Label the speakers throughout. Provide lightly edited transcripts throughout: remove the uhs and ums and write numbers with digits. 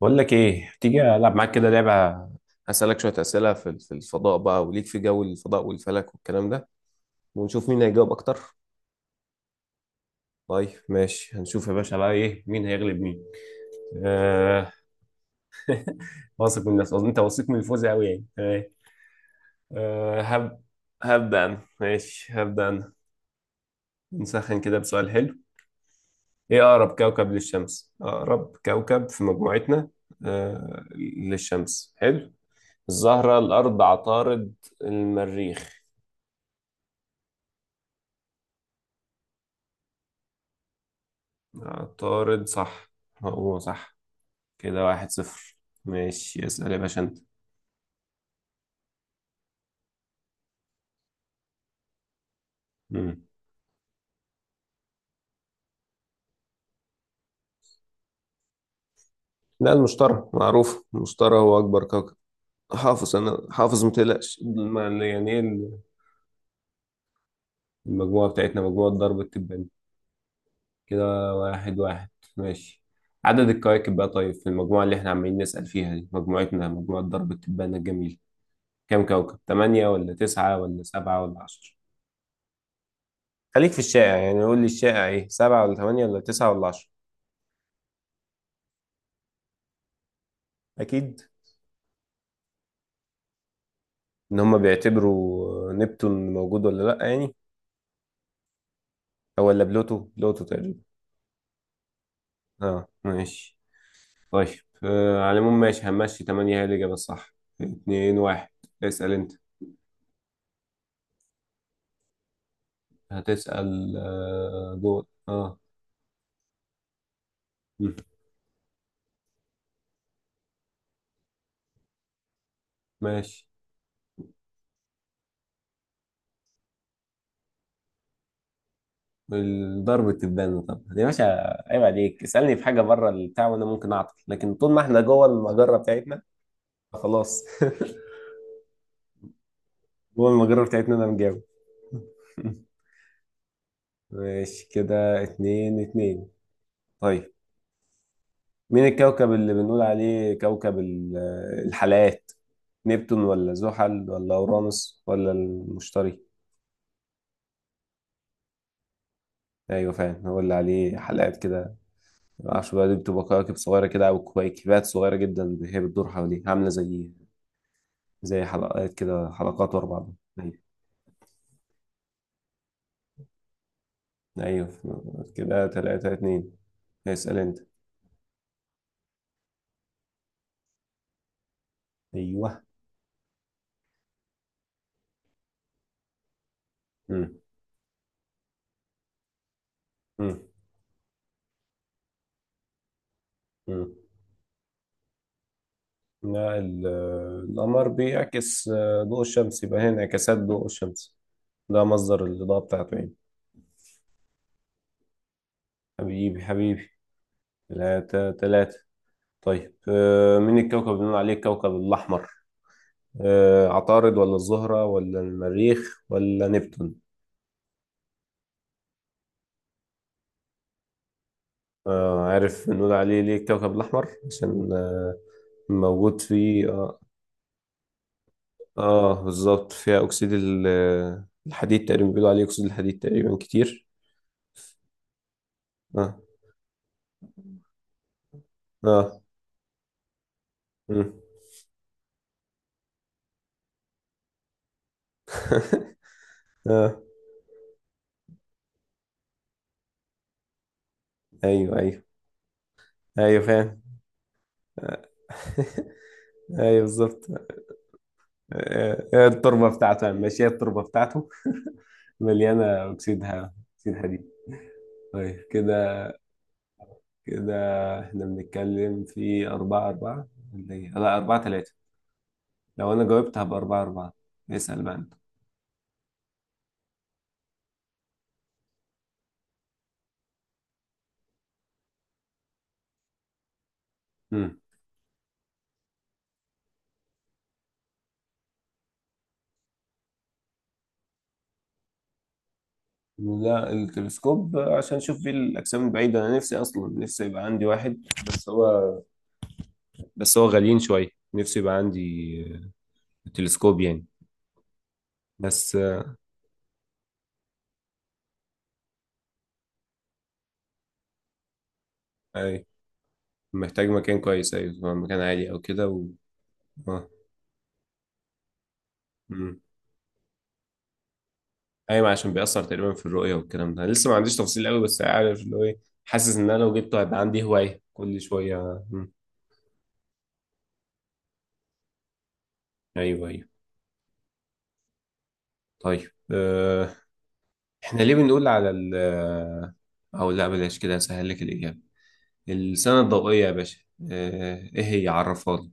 Speaker 1: بقول لك ايه، تيجي العب معاك كده لعبه. هسالك شويه اسئله في الفضاء بقى، وليك في جو الفضاء والفلك والكلام ده. ونشوف مين هيجاوب اكتر. طيب ماشي، هنشوف يا باشا بقى ايه، مين هيغلب مين. آه. واثق من الناس، انت واثق من الفوز قوي يعني. آه، هب هبدا انا، ماشي هبدا انا. نسخن كده بسؤال حلو. ايه اقرب كوكب للشمس، اقرب كوكب في مجموعتنا؟ آه للشمس، حلو. الزهره، الارض، عطارد، المريخ. عطارد صح. هو صح. كده واحد صفر. ماشي اسأل يا باشا انت. مم. لا، المشتري معروف، المشتري هو أكبر كوكب. حافظ، أنا حافظ متقلقش، يعني إيه. المجموعة بتاعتنا مجموعة ضرب التبان. كده واحد واحد. ماشي. عدد الكواكب بقى، طيب في المجموعة اللي احنا عمالين نسأل فيها دي، مجموعتنا مجموعة ضرب التبان الجميل، كام كوكب؟ تمانية ولا تسعة ولا سبعة ولا عشرة؟ خليك في الشائع يعني، قول لي الشائع ايه، سبعة ولا تمانية ولا تسعة ولا عشرة؟ أكيد. ان هم بيعتبروا نبتون موجود ولا لا يعني. او ولا بلوتو، بلوتو تقريبا. اه ماشي. طيب، على العموم ماشي، همشي 8 هي الإجابة الصح. 2 1. اسأل انت. هتسأل دول اه مم. ماشي. الضرب التبان، طب يا باشا، عيب عليك. اسألني في حاجة بره البتاع وانا ممكن اعطل، لكن طول ما احنا جوه المجرة بتاعتنا. خلاص. جوه المجرة بتاعتنا، انا مجاوب. ماشي كده اتنين اتنين. طيب. مين الكوكب اللي بنقول عليه كوكب الحلقات؟ نبتون ولا زحل ولا اورانوس ولا المشتري؟ ايوه فعلا، هو اللي عليه حلقات كده. معرفش بقى، دي بتبقى كواكب صغيره كده او كويكبات صغيره جدا هي بتدور حواليه، عامله زي زي حلقات كده، حلقات ورا بعض. ايوه. ايوه كده تلاتة اتنين. اسأل انت. ايوه. مم. مم. مم. لا. القمر بيعكس ضوء الشمس، يبقى هنا انعكاسات ضوء الشمس. ده مصدر الإضاءة بتاعته يعني. حبيبي حبيبي. ثلاثة ثلاثة. طيب، مين الكوكب اللي بنقول عليه الكوكب الأحمر؟ عطارد ولا الزهرة ولا المريخ ولا نبتون؟ عارف بنقول عليه ليه الكوكب الأحمر؟ عشان موجود فيه. آه بالظبط، فيها أكسيد الحديد تقريبا، بيقولوا عليه أكسيد الحديد تقريبا كتير. آه. آه. مم. آه. أيوه أيوه. أيوه فاهم. آه، أيوه بالظبط. التربة بتاعته يعني. ماشي، هي التربة بتاعته مليانة أكسيد أكسيد حديد. طيب كده، كده احنا بنتكلم في أربعة أربعة ولا إيه؟ لا، أربعة تلاتة. لو أنا جاوبت هبقى أربعة أربعة. اسأل بقى أنت. مم. لا، التلسكوب عشان أشوف بيه الأجسام البعيدة. أنا نفسي أصلا، نفسي يبقى عندي واحد، بس هو بس هو غاليين شوية. نفسي يبقى عندي تلسكوب يعني. بس أي، محتاج مكان كويس، أيوة مكان عالي أو كده، و... آه. ايوه عشان بيأثر تقريبا في الرؤية والكلام ده. أنا لسه ما عنديش تفصيل قوي بس عارف اللي هو ايه. حاسس ان انا لو جبته هيبقى عندي هواية كل شوية. ايوه ايوه. طيب احنا ليه بنقول على ال آه، او لا، بلاش كده هسهل لك الإجابة. السنة الضوئية يا باشا، ايه هي، عرفها لي.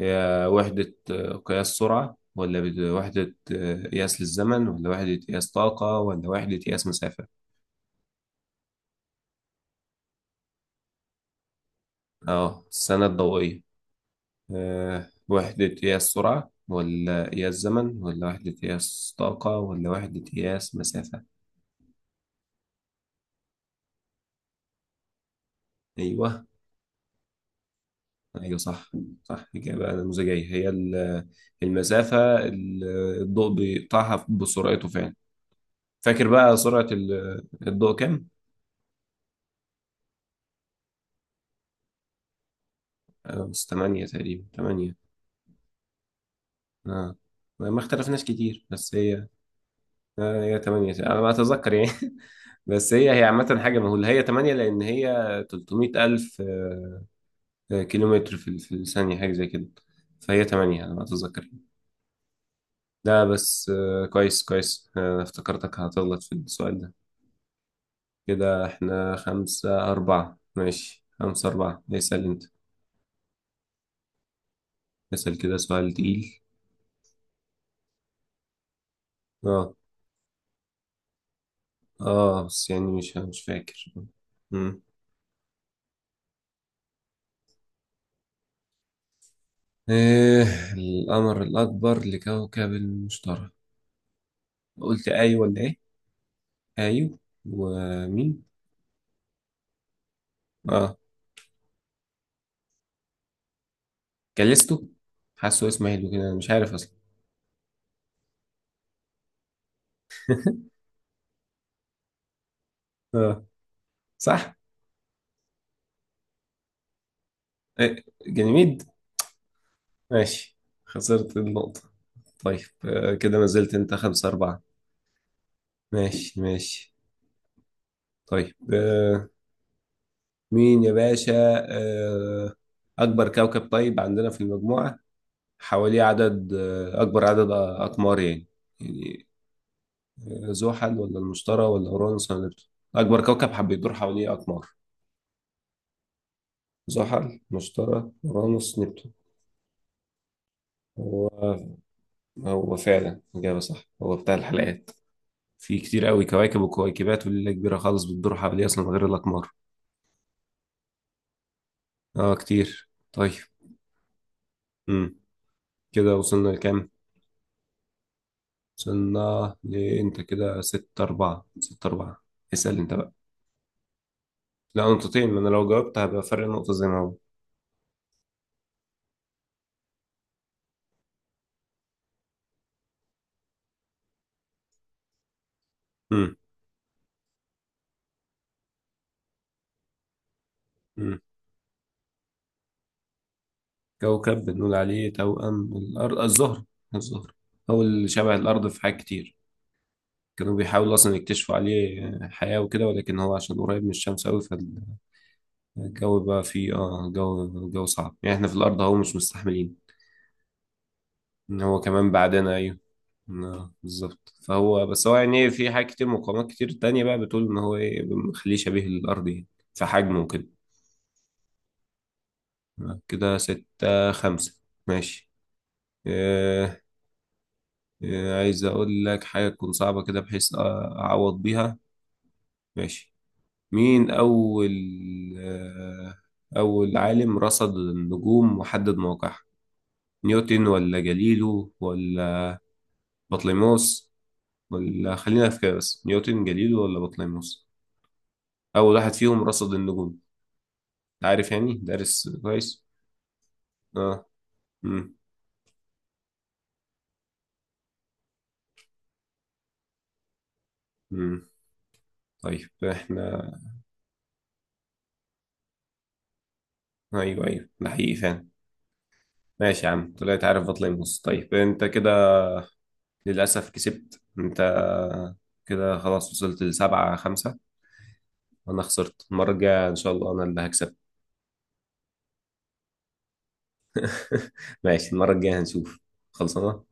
Speaker 1: هي وحدة قياس سرعة، ولا وحدة قياس للزمن، ولا وحدة قياس طاقة، ولا وحدة قياس مسافة؟ اه السنة الضوئية، وحدة قياس سرعة ولا قياس زمن ولا وحدة قياس طاقة ولا وحدة قياس مسافة. أيوه. أيوه صح. صح، إجابة نموذجية. هي المسافة ال- الضوء بيقطعها بسرعته فعلا. فاكر بقى سرعة الضوء كام؟ بس تمانية تقريبا، تمانية. آه. ما اختلفناش كتير، بس هي. آه. هي تمانية، أنا ما أتذكر يعني. بس هي عامة، حاجة مهولة، هي تمانية، لأن هي 300,000 كيلومتر في الثانية، حاجة زي كده. فهي تمانية على ما أتذكر. ده بس كويس كويس. افتكرتك هتغلط في السؤال ده. كده احنا خمسة أربعة، ماشي خمسة أربعة، اسأل أنت. اسأل كده سؤال تقيل. اه. اه بس يعني مش فاكر. مم. ايه القمر الأكبر لكوكب المشتري؟ قلت أي ولا إيه؟ أيو. ومين؟ اه. كاليستو. حاسه اسمه حلو كده، أنا مش عارف أصلا. اه. صح؟ إيه، جميد. ماشي، خسرت النقطة. طيب، كده ما زلت انت خمسة أربعة. ماشي ماشي. طيب مين يا باشا، آه، أكبر كوكب طيب عندنا في المجموعة حواليه عدد أكبر عدد أقمار يعني، يعني زحل ولا المشتري ولا أورانوس ولا نبتون؟ أكبر كوكب حب يدور حواليه أقمار، زحل، مشتري، أورانوس، نبتون. هو. هو فعلا إجابة صح، هو بتاع الحلقات. في كتير قوي كواكب وكويكبات وليلة كبيرة خالص بتدور حواليها أصلا غير الأقمار. اه كتير طيب. امم. كده وصلنا لكام؟ وصلنا لأنت كده ستة أربعة. ستة أربعة، اسأل أنت بقى. لا نقطتين، ما أنا لو جاوبت هبقى فرق نقطة زي ما هو. امم. امم. كوكب بنقول عليه توأم الأرض، الزهر. الزهر هو اللي شبه الأرض في حاجات كتير. كانوا بيحاولوا أصلا يكتشفوا عليه حياة وكده، ولكن هو عشان قريب من الشمس أوي. فالجو بقى فيه اه، جو صعب يعني، احنا في الأرض أهو مش مستحملين. إن هو كمان بعدنا، ايوه. بالظبط. فهو، بس هو يعني إيه، في حاجات كتير، مقومات كتير تانية بقى بتقول ان هو ايه مخليه شبيه للارض يعني، في حجمه وكده. كده ستة خمسة. ماشي. آه. آه، عايز اقول لك حاجة تكون صعبة كده بحيث اعوض بيها. ماشي. مين اول، آه اول عالم رصد النجوم وحدد موقعها؟ نيوتن ولا جاليلو ولا بطليموس، ولا خلينا في كده بس، نيوتن جاليلو ولا بطليموس، أول واحد فيهم رصد النجوم؟ عارف يعني، دارس كويس. اه. امم. امم. طيب احنا. ايوه ايوه، ده حقيقي فعلا. ماشي يا عم طلعت، عارف بطل يبص. طيب انت كده للأسف كسبت انت. كده خلاص، وصلت لسبعة خمسة. وأنا خسرت، المرة الجاية إن شاء الله أنا اللي هكسب. ماشي، المرة الجاية هنشوف. خلصنا.